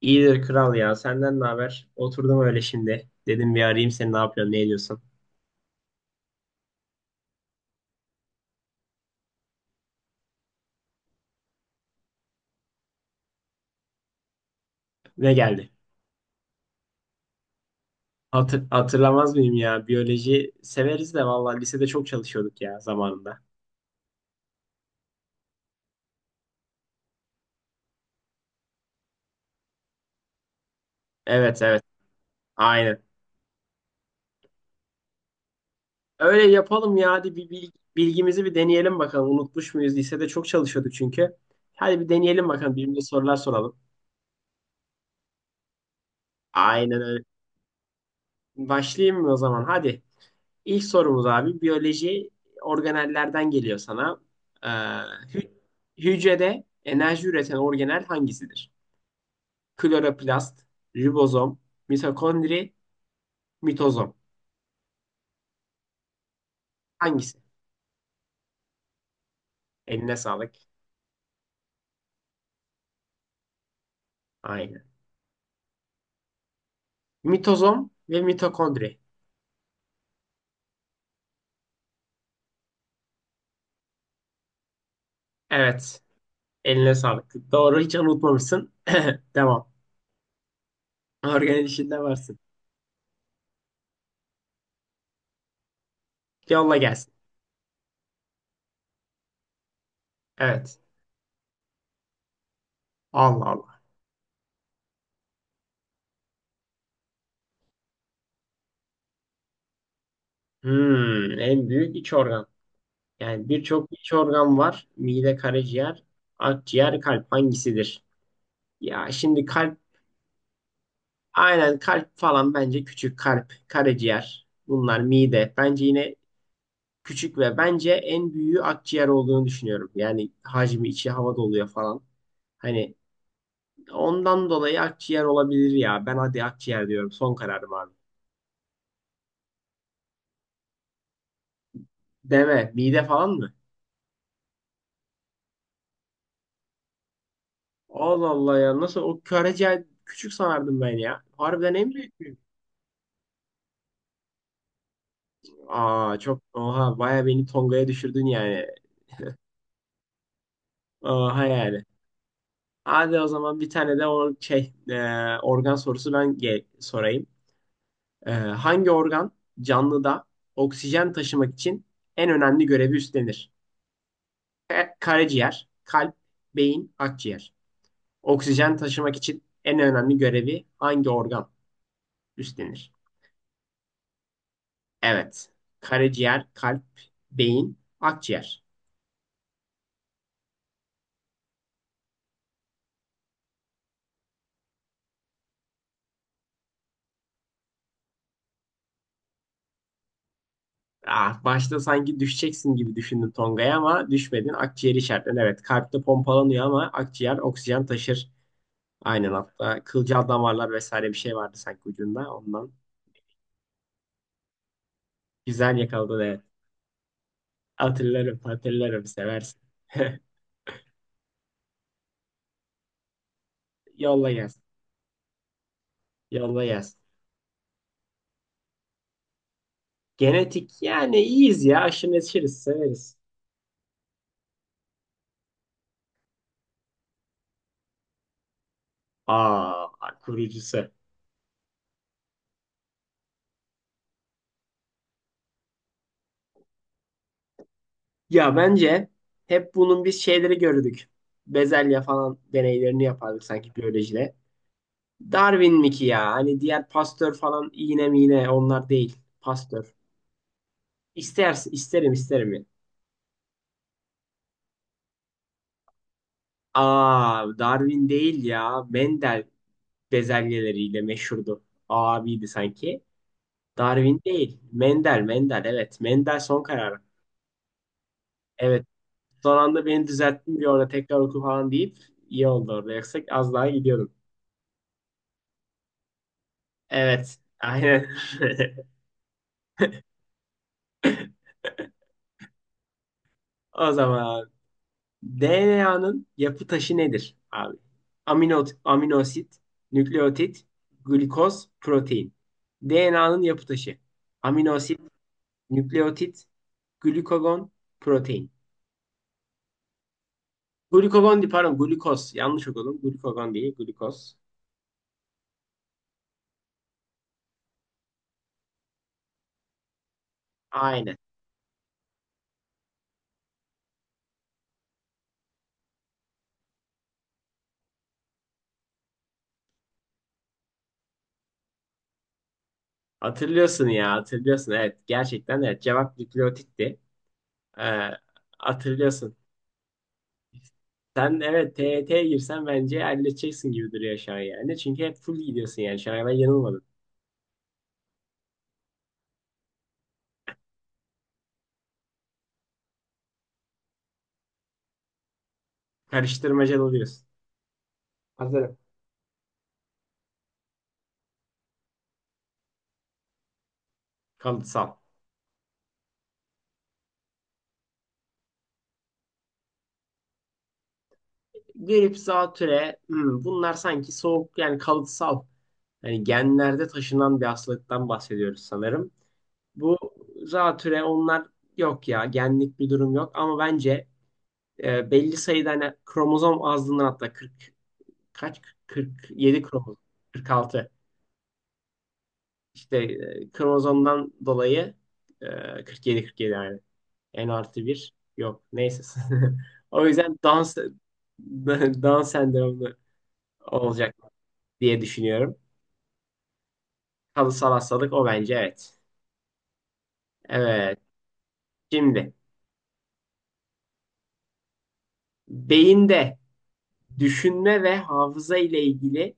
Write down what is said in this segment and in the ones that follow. İyidir kral ya. Senden ne haber? Oturdum öyle şimdi. Dedim bir arayayım seni ne yapıyorsun, ne ediyorsun? Ne geldi? Hatırlamaz mıyım ya? Biyoloji severiz de vallahi lisede çok çalışıyorduk ya zamanında. Evet, evet. Aynen. Öyle yapalım ya. Hadi bilgimizi bir deneyelim bakalım. Unutmuş muyuz? Lisede çok çalışıyorduk çünkü. Hadi bir deneyelim bakalım. Birbirimize sorular soralım. Aynen öyle. Başlayayım mı o zaman? Hadi. İlk sorumuz abi, biyoloji organellerden geliyor sana. Ee, hü- Hücrede enerji üreten organel hangisidir? Kloroplast, ribozom, mitokondri, mitozom. Hangisi? Eline sağlık. Aynen. Mitozom ve mitokondri. Evet. Eline sağlık. Doğru, hiç unutmamışsın. Devam. Organel işinde varsın. Yolla gelsin. Evet. Allah Allah. Hmm, en büyük iç organ. Yani birçok iç organ var. Mide, karaciğer, akciğer, kalp hangisidir? Ya şimdi kalp, aynen kalp falan bence küçük, kalp, karaciğer. Bunlar mide. Bence yine küçük ve bence en büyüğü akciğer olduğunu düşünüyorum. Yani hacmi, içi hava doluyor falan. Hani ondan dolayı akciğer olabilir ya. Ben hadi akciğer diyorum. Son kararım abi. Deme. Mide falan mı? Allah Allah ya. Nasıl o karaciğer küçük sanardım ben ya. Harbiden en büyük. Aa, çok oha, baya beni Tonga'ya düşürdün yani. Oha yani. Hadi o zaman bir tane de o organ sorusu ben sorayım. Hangi organ canlıda oksijen taşımak için en önemli görevi üstlenir? Karaciğer, kalp, beyin, akciğer. Oksijen taşımak için en önemli görevi hangi organ üstlenir? Evet. Karaciğer, kalp, beyin, akciğer. Ah, başta sanki düşeceksin gibi düşündün Tonga'ya ama düşmedin. Akciğer işaretlen. Evet, kalpte pompalanıyor ama akciğer oksijen taşır. Aynen, hatta kılcal damarlar vesaire bir şey vardı sanki ucunda ondan. Güzel yakaladın, evet. Hatırlarım, hatırlarım, seversin. Yolla gelsin. Yolla gelsin. Genetik, yani iyiyiz ya. Aşırı neşiriz, severiz. Aa, kurucusu. Ya bence hep bunun biz şeyleri gördük. Bezelye falan deneylerini yapardık sanki biyolojide. Darwin mi ki ya? Hani diğer Pasteur falan, iğne miğne, onlar değil. Pasteur. İster, isterim, isterim ya. Aa, Darwin değil ya. Mendel bezelyeleriyle meşhurdu. Abiydi sanki. Darwin değil. Mendel, Mendel, evet. Mendel son kararı. Evet. Son anda beni düzelttin, bir orada tekrar oku falan deyip iyi oldu orada. Yoksa az daha gidiyordum. Evet. Aynen. O zaman DNA'nın yapı taşı nedir abi? Amino, aminosit, nükleotit, glikoz, protein. DNA'nın yapı taşı. Aminosit, nükleotit, glikogon, protein. Glikogon değil, pardon, glikoz. Yanlış okudum. Glikogon değil, glikoz. Aynen. Hatırlıyorsun ya, hatırlıyorsun. Evet, gerçekten evet. Cevap nükleotitti. Ee, Hatırlıyorsun. Sen evet, TYT'ye girsen bence halledeceksin gibi duruyor şu an yani. Çünkü hep full gidiyorsun yani. Şu an ben yanılmadım. Karıştırmaca oluyoruz. Hazırım. Kalıtsal. Grip, zatüre, hmm, bunlar sanki soğuk, yani kalıtsal. Yani genlerde taşınan bir hastalıktan bahsediyoruz sanırım. Bu zatüre onlar, yok ya, genlik bir durum yok, ama bence belli sayıda hani kromozom azlığından, hatta 40 kaç, 47 kromozom, 46, işte kromozomdan dolayı, 47 yani N artı bir yok. Neyse. O yüzden dans dans sendromlu olacak diye düşünüyorum. Kalıtsal hastalık o, bence evet. Evet. Şimdi beyinde düşünme ve hafıza ile ilgili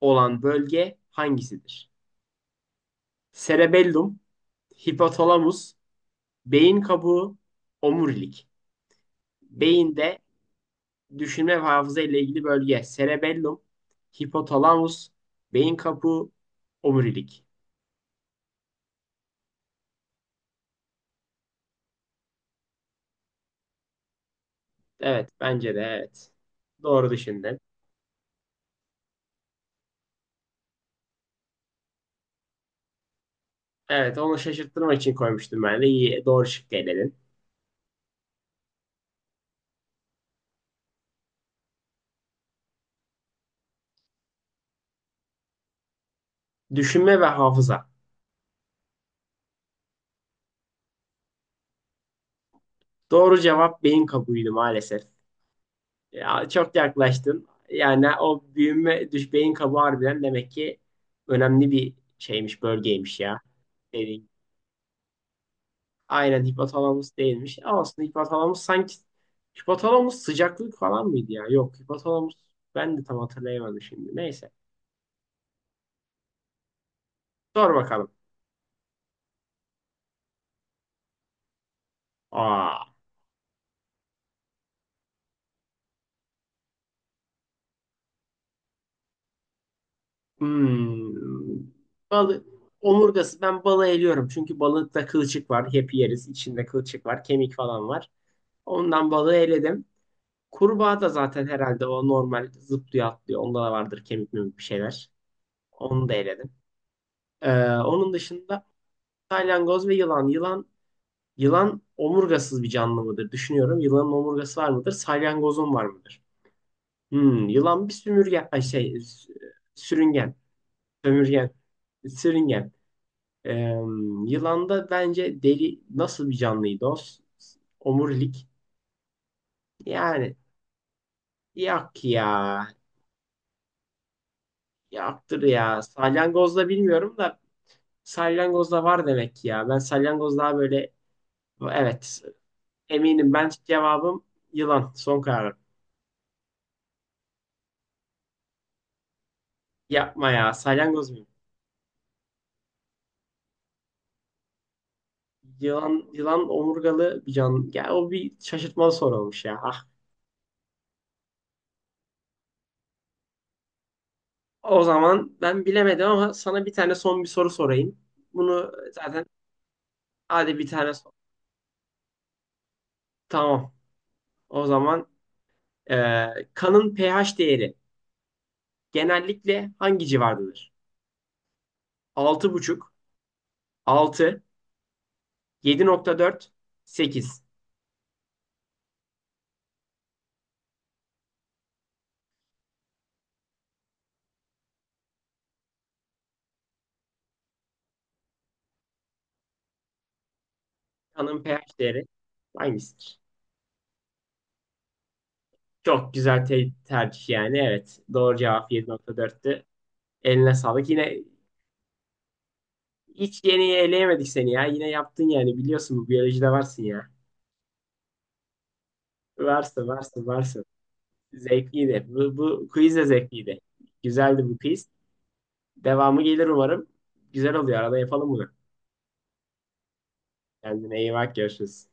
olan bölge hangisidir? Cerebellum, hipotalamus, beyin kabuğu, omurilik. Beyinde düşünme ve hafıza ile ilgili bölge cerebellum, hipotalamus, beyin kabuğu, omurilik. Evet, bence de evet. Doğru düşündün. Evet, onu şaşırttırmak için koymuştum ben de. İyi, doğru şık eledin. Düşünme ve hafıza. Doğru cevap beyin kabuğuydu maalesef. Ya, çok yaklaştın. Yani o büyüme, düş, beyin kabuğu harbiden demek ki önemli bir şeymiş, bölgeymiş ya. Dediğin. Aynen, hipotalamus değilmiş. Ama aslında hipotalamus sanki, hipotalamus sıcaklık falan mıydı ya? Yok, hipotalamus, ben de tam hatırlayamadım şimdi. Neyse. Sor bakalım. Aa. Hmm. Balı, omurgası, ben balığı eliyorum. Çünkü balıkta kılçık var. Hep yeriz. İçinde kılçık var. Kemik falan var. Ondan balığı eledim. Kurbağa da zaten herhalde o normal zıplıyor, atlıyor. Onda da vardır kemik memik bir şeyler. Onu da eledim. Onun dışında salyangoz ve yılan. Yılan, yılan omurgasız bir canlı mıdır? Düşünüyorum. Yılanın omurgası var mıdır? Salyangozun var mıdır? Hmm, yılan bir sümürgen. Ay şey, sürüngen. Sömürgen. Sürüngen. Ee, Yılanda bence deri, nasıl bir canlıydı o? Omurilik. Yani yok ya. Yaktır ya. Salyangozda bilmiyorum da salyangozda var demek ki ya. Ben salyangoz daha böyle, evet, eminim, ben cevabım yılan. Son kararım. Yapma ya. Salyangoz muyum? Yılan, yılan omurgalı bir can. Ya o bir şaşırtmalı soru olmuş ya. Ah. O zaman ben bilemedim, ama sana bir tane son bir soru sorayım. Bunu zaten, hadi bir tane sor. Tamam. O zaman e, kanın pH değeri genellikle hangi civardadır? Altı altı, buçuk, altı, yedi nokta dört, sekiz. Kanın pH değeri hangisidir? Çok güzel tercih yani. Evet. Doğru cevap 7,4'tü. Eline sağlık. Yine hiç yeniyi eleyemedik seni ya. Yine yaptın yani. Biliyorsun, bu biyolojide varsın ya. Varsın, varsın, varsın. Zevkliydi. Bu quiz de zevkliydi. Güzeldi bu quiz. Devamı gelir umarım. Güzel oluyor. Arada yapalım bunu. Kendine iyi bak, görüşürüz.